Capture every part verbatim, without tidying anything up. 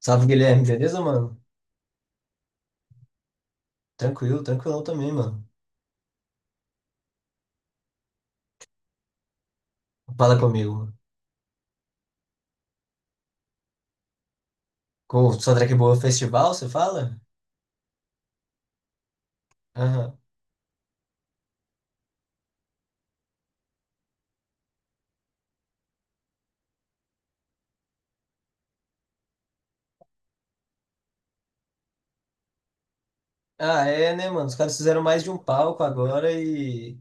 Salve, Guilherme, beleza, mano? Tranquilo, tranquilão também, mano. Fala comigo. Com o Soundtrack Boa Festival, você fala? Aham. Ah, é, né, mano? Os caras fizeram mais de um palco agora e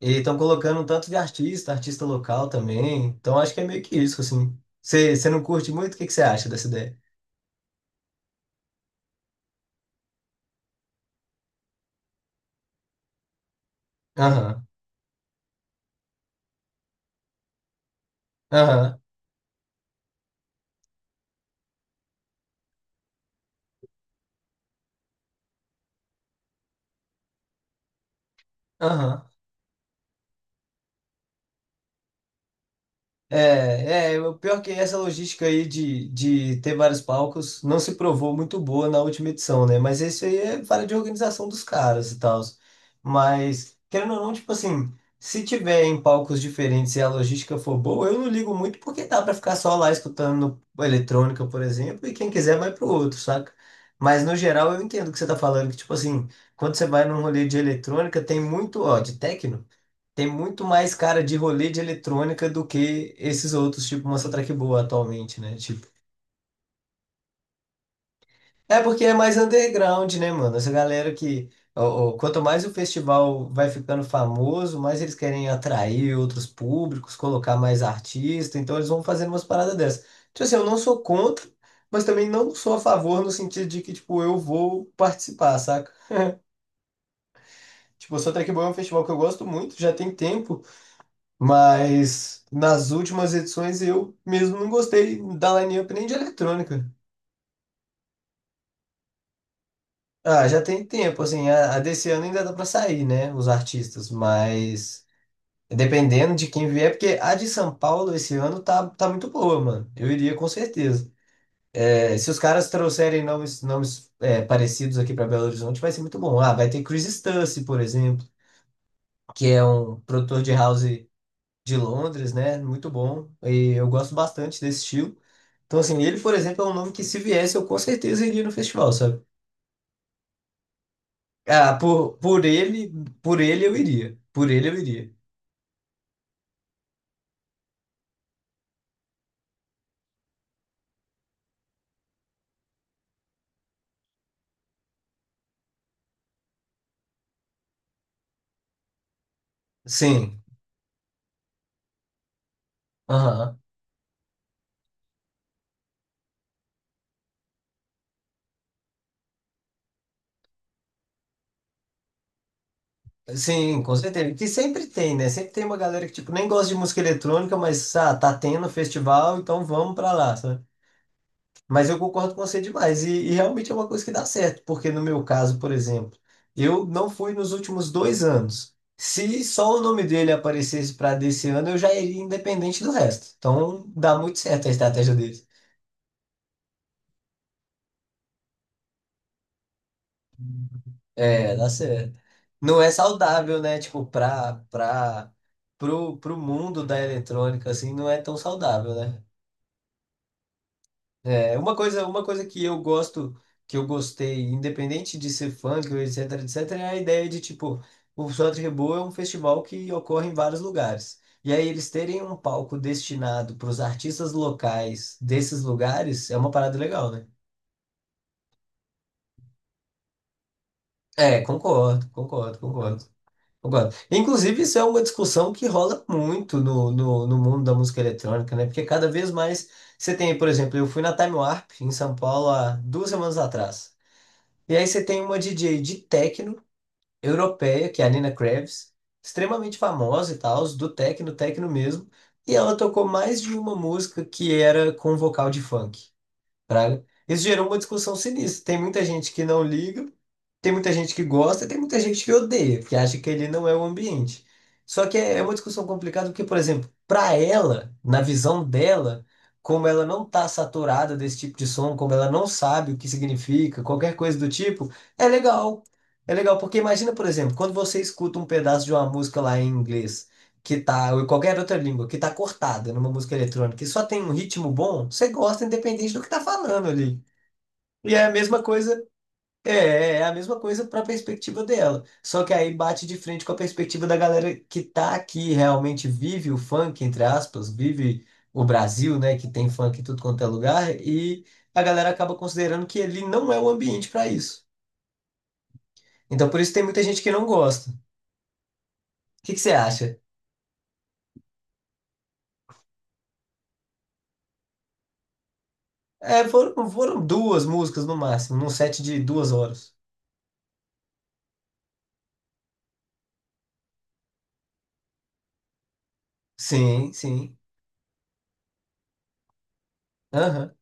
e estão colocando um tanto de artista, artista local também. Então acho que é meio que isso, assim. Você você não curte muito? O que que você acha dessa ideia? Aham, aham, aham. É, é, o pior que essa logística aí de, de ter vários palcos não se provou muito boa na última edição, né? Mas isso aí é falha de organização dos caras e tal. Mas, querendo ou não, tipo assim, se tiver em palcos diferentes e a logística for boa, eu não ligo muito porque dá pra ficar só lá escutando eletrônica, por exemplo, e quem quiser vai pro outro, saca? Mas no geral eu entendo o que você tá falando, que tipo assim, quando você vai num rolê de eletrônica, tem muito, ó, de techno. Tem muito mais cara de rolê de eletrônica do que esses outros, tipo Monster Truck Boa atualmente, né? Tipo, é porque é mais underground, né, mano? Essa galera que. Ó, ó, quanto mais o festival vai ficando famoso, mais eles querem atrair outros públicos, colocar mais artistas, então eles vão fazendo umas paradas dessas. Tipo assim, eu não sou contra, mas também não sou a favor no sentido de que, tipo, eu vou participar, saca? Tipo, o Monster Truck Boa é um festival que eu gosto muito, já tem tempo. Mas nas últimas edições eu mesmo não gostei da lineup nem de eletrônica. Ah, já tem tempo, assim, a, a desse ano ainda dá pra sair, né, os artistas, mas dependendo de quem vier, porque a de São Paulo esse ano tá, tá muito boa, mano. Eu iria com certeza. É, se os caras trouxerem nomes, nomes é, parecidos aqui pra Belo Horizonte, vai ser muito bom. Ah, vai ter Chris Stassi, por exemplo, que é um produtor de house de Londres, né? Muito bom. E eu gosto bastante desse estilo. Então, assim, ele, por exemplo, é um nome que se viesse, eu com certeza iria no festival, sabe? Ah, por, por ele, por ele eu iria. Por ele eu iria. Sim. Aham. Sim, com certeza. Que sempre tem, né? Sempre tem uma galera que, tipo, nem gosta de música eletrônica, mas ah, tá tendo festival, então vamos pra lá, sabe? Mas eu concordo com você demais. E, e realmente é uma coisa que dá certo, porque no meu caso, por exemplo, eu não fui nos últimos dois anos. Se só o nome dele aparecesse para desse ano, eu já iria independente do resto. Então dá muito certo a estratégia dele. É, dá certo. Não é saudável, né? Tipo, pra pra pro, pro mundo da eletrônica, assim, não é tão saudável, né? É, uma coisa, uma coisa que eu gosto, que eu gostei, independente de ser funk, ou etc, etc, é a ideia de, tipo, o Samba Rebu é um festival que ocorre em vários lugares. E aí eles terem um palco destinado para os artistas locais desses lugares é uma parada legal, né? É, concordo, concordo, concordo, concordo. Inclusive, isso é uma discussão que rola muito no, no, no mundo da música eletrônica, né? Porque cada vez mais você tem, por exemplo, eu fui na Time Warp em São Paulo há duas semanas atrás. E aí você tem uma D J de techno europeia, que é a Nina Kravis, extremamente famosa e tal, do techno, techno mesmo. E ela tocou mais de uma música que era com vocal de funk, praga. Isso gerou uma discussão sinistra. Tem muita gente que não liga, tem muita gente que gosta, tem muita gente que odeia, que acha que ele não é o ambiente. Só que é, é uma discussão complicada, porque, por exemplo, para ela, na visão dela, como ela não tá saturada desse tipo de som, como ela não sabe o que significa, qualquer coisa do tipo, é legal. É legal, porque imagina, por exemplo, quando você escuta um pedaço de uma música lá em inglês, que tá, ou em qualquer outra língua, que tá cortada numa música eletrônica, e só tem um ritmo bom, você gosta independente do que tá falando ali. E é a mesma coisa. É, é é a mesma coisa para a perspectiva dela. Só que aí bate de frente com a perspectiva da galera que tá aqui, realmente vive o funk, entre aspas, vive o Brasil, né, que tem funk em tudo quanto é lugar, e a galera acaba considerando que ele não é o ambiente para isso. Então por isso tem muita gente que não gosta. O que que você acha? É, foram, foram duas músicas no máximo, num set de duas horas. Sim, sim. Aham.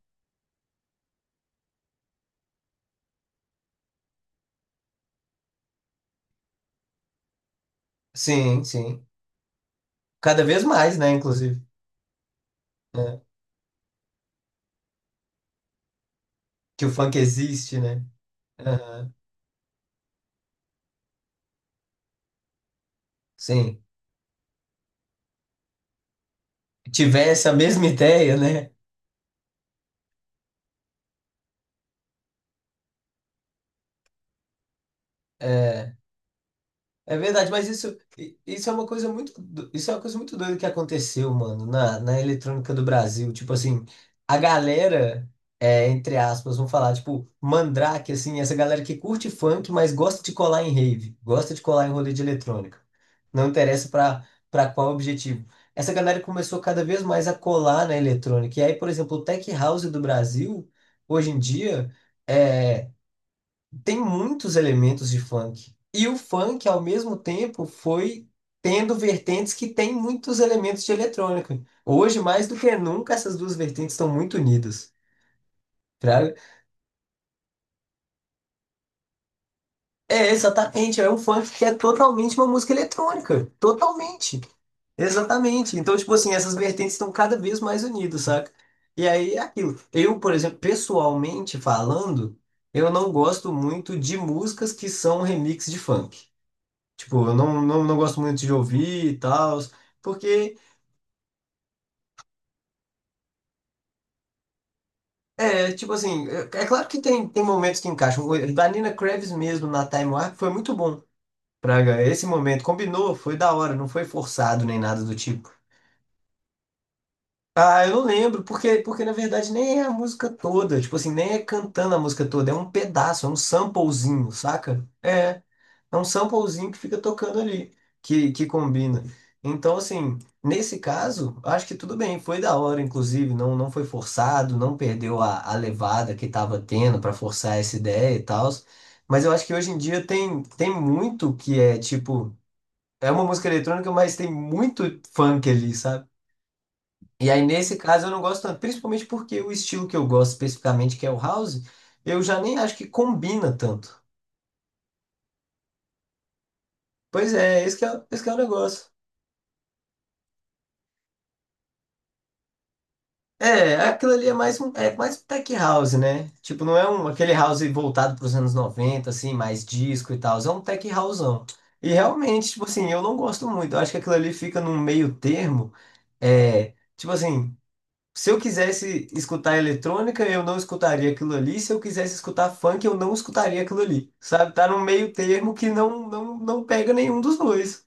Sim, sim. Cada vez mais, né, inclusive, né, Que o funk existe, né? Aham. Sim. Tivesse a mesma ideia, né? É, é verdade, mas isso, i- isso é uma coisa muito, do- isso é uma coisa muito doida que aconteceu, mano, na, na eletrônica do Brasil. Tipo assim, a galera, é, entre aspas, vamos falar, tipo, Mandrake, assim, essa galera que curte funk, mas gosta de colar em rave, gosta de colar em rolê de eletrônica. Não interessa pra, pra qual objetivo. Essa galera começou cada vez mais a colar na eletrônica. E aí, por exemplo, o Tech House do Brasil, hoje em dia. É tem muitos elementos de funk. E o funk, ao mesmo tempo, foi tendo vertentes que têm muitos elementos de eletrônica. Hoje, mais do que nunca, essas duas vertentes estão muito unidas. Fraga? É, exatamente. É um funk que é totalmente uma música eletrônica. Totalmente. Exatamente. Então, tipo assim, essas vertentes estão cada vez mais unidas, saca? E aí é aquilo. Eu, por exemplo, pessoalmente falando, eu não gosto muito de músicas que são remix de funk. Tipo, eu não, não, não gosto muito de ouvir e tal, porque, é, tipo assim, é, é claro que tem, tem momentos que encaixam. O da Nina Kravis mesmo na Time Warp foi muito bom. Praga, esse momento combinou, foi da hora, não foi forçado nem nada do tipo. Ah, eu não lembro, porque, porque na verdade nem é a música toda, tipo assim, nem é cantando a música toda, é um pedaço, é um samplezinho, saca? É É um samplezinho que fica tocando ali, que, que combina. Então, assim, nesse caso, acho que tudo bem, foi da hora, inclusive, não, não foi forçado, não perdeu a, a levada que estava tendo para forçar essa ideia e tal. Mas eu acho que hoje em dia tem, tem muito que é tipo, é uma música eletrônica, mas tem muito funk ali, sabe? E aí, nesse caso, eu não gosto tanto, principalmente porque o estilo que eu gosto especificamente, que é o house, eu já nem acho que combina tanto. Pois é, esse que é, esse que é o negócio. É, aquilo ali é mais um, é mais um tech house, né? Tipo, não é um, aquele house voltado para os anos noventa assim, mais disco e tal. É um tech houseão. E realmente, tipo assim, eu não gosto muito. Eu acho que aquilo ali fica num meio termo. É, tipo assim, se eu quisesse escutar eletrônica, eu não escutaria aquilo ali. Se eu quisesse escutar funk, eu não escutaria aquilo ali. Sabe? Tá num meio termo que não, não, não pega nenhum dos dois.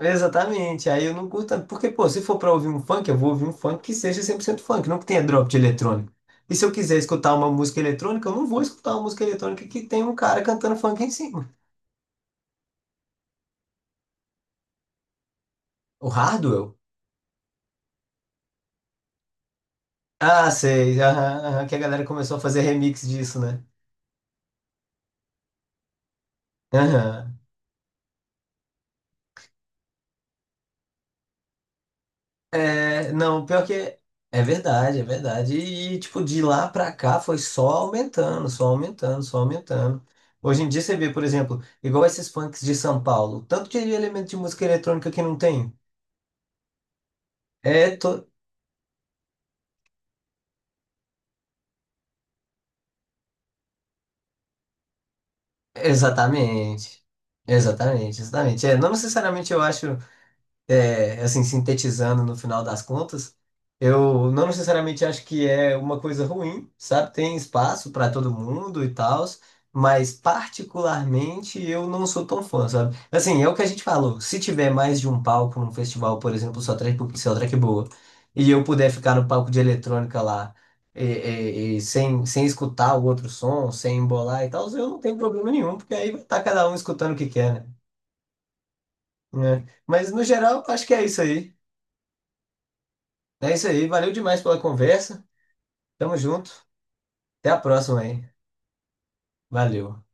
Exatamente. Aí eu não curto tanto. Porque, pô, se for pra ouvir um funk, eu vou ouvir um funk que seja cem por cento funk, não que tenha drop de eletrônico. E se eu quiser escutar uma música eletrônica, eu não vou escutar uma música eletrônica que tem um cara cantando funk em cima. O Hardwell? Ah, sei. Aham, aham, que a galera começou a fazer remix disso, né? Aham. É, não, pior que é é verdade, é verdade. E, tipo, de lá pra cá foi só aumentando, só aumentando, só aumentando. Hoje em dia você vê, por exemplo, igual esses punks de São Paulo, tanto de elemento de música eletrônica que não tem. É, to... exatamente. Exatamente, exatamente. É, não necessariamente eu acho. É, assim, sintetizando no final das contas, eu não necessariamente acho que é uma coisa ruim, sabe? Tem espaço para todo mundo e tal, mas particularmente eu não sou tão fã, sabe? Assim, é o que a gente falou, se tiver mais de um palco num festival, por exemplo, só track, só track boa, e eu puder ficar no palco de eletrônica lá, e, e- e sem, sem escutar o outro som, sem embolar e tal, eu não tenho problema nenhum, porque aí vai estar cada um escutando o que quer, né? Né? Mas no geral, acho que é isso aí. É isso aí, valeu demais pela conversa. Tamo junto. Até a próxima, hein? Valeu.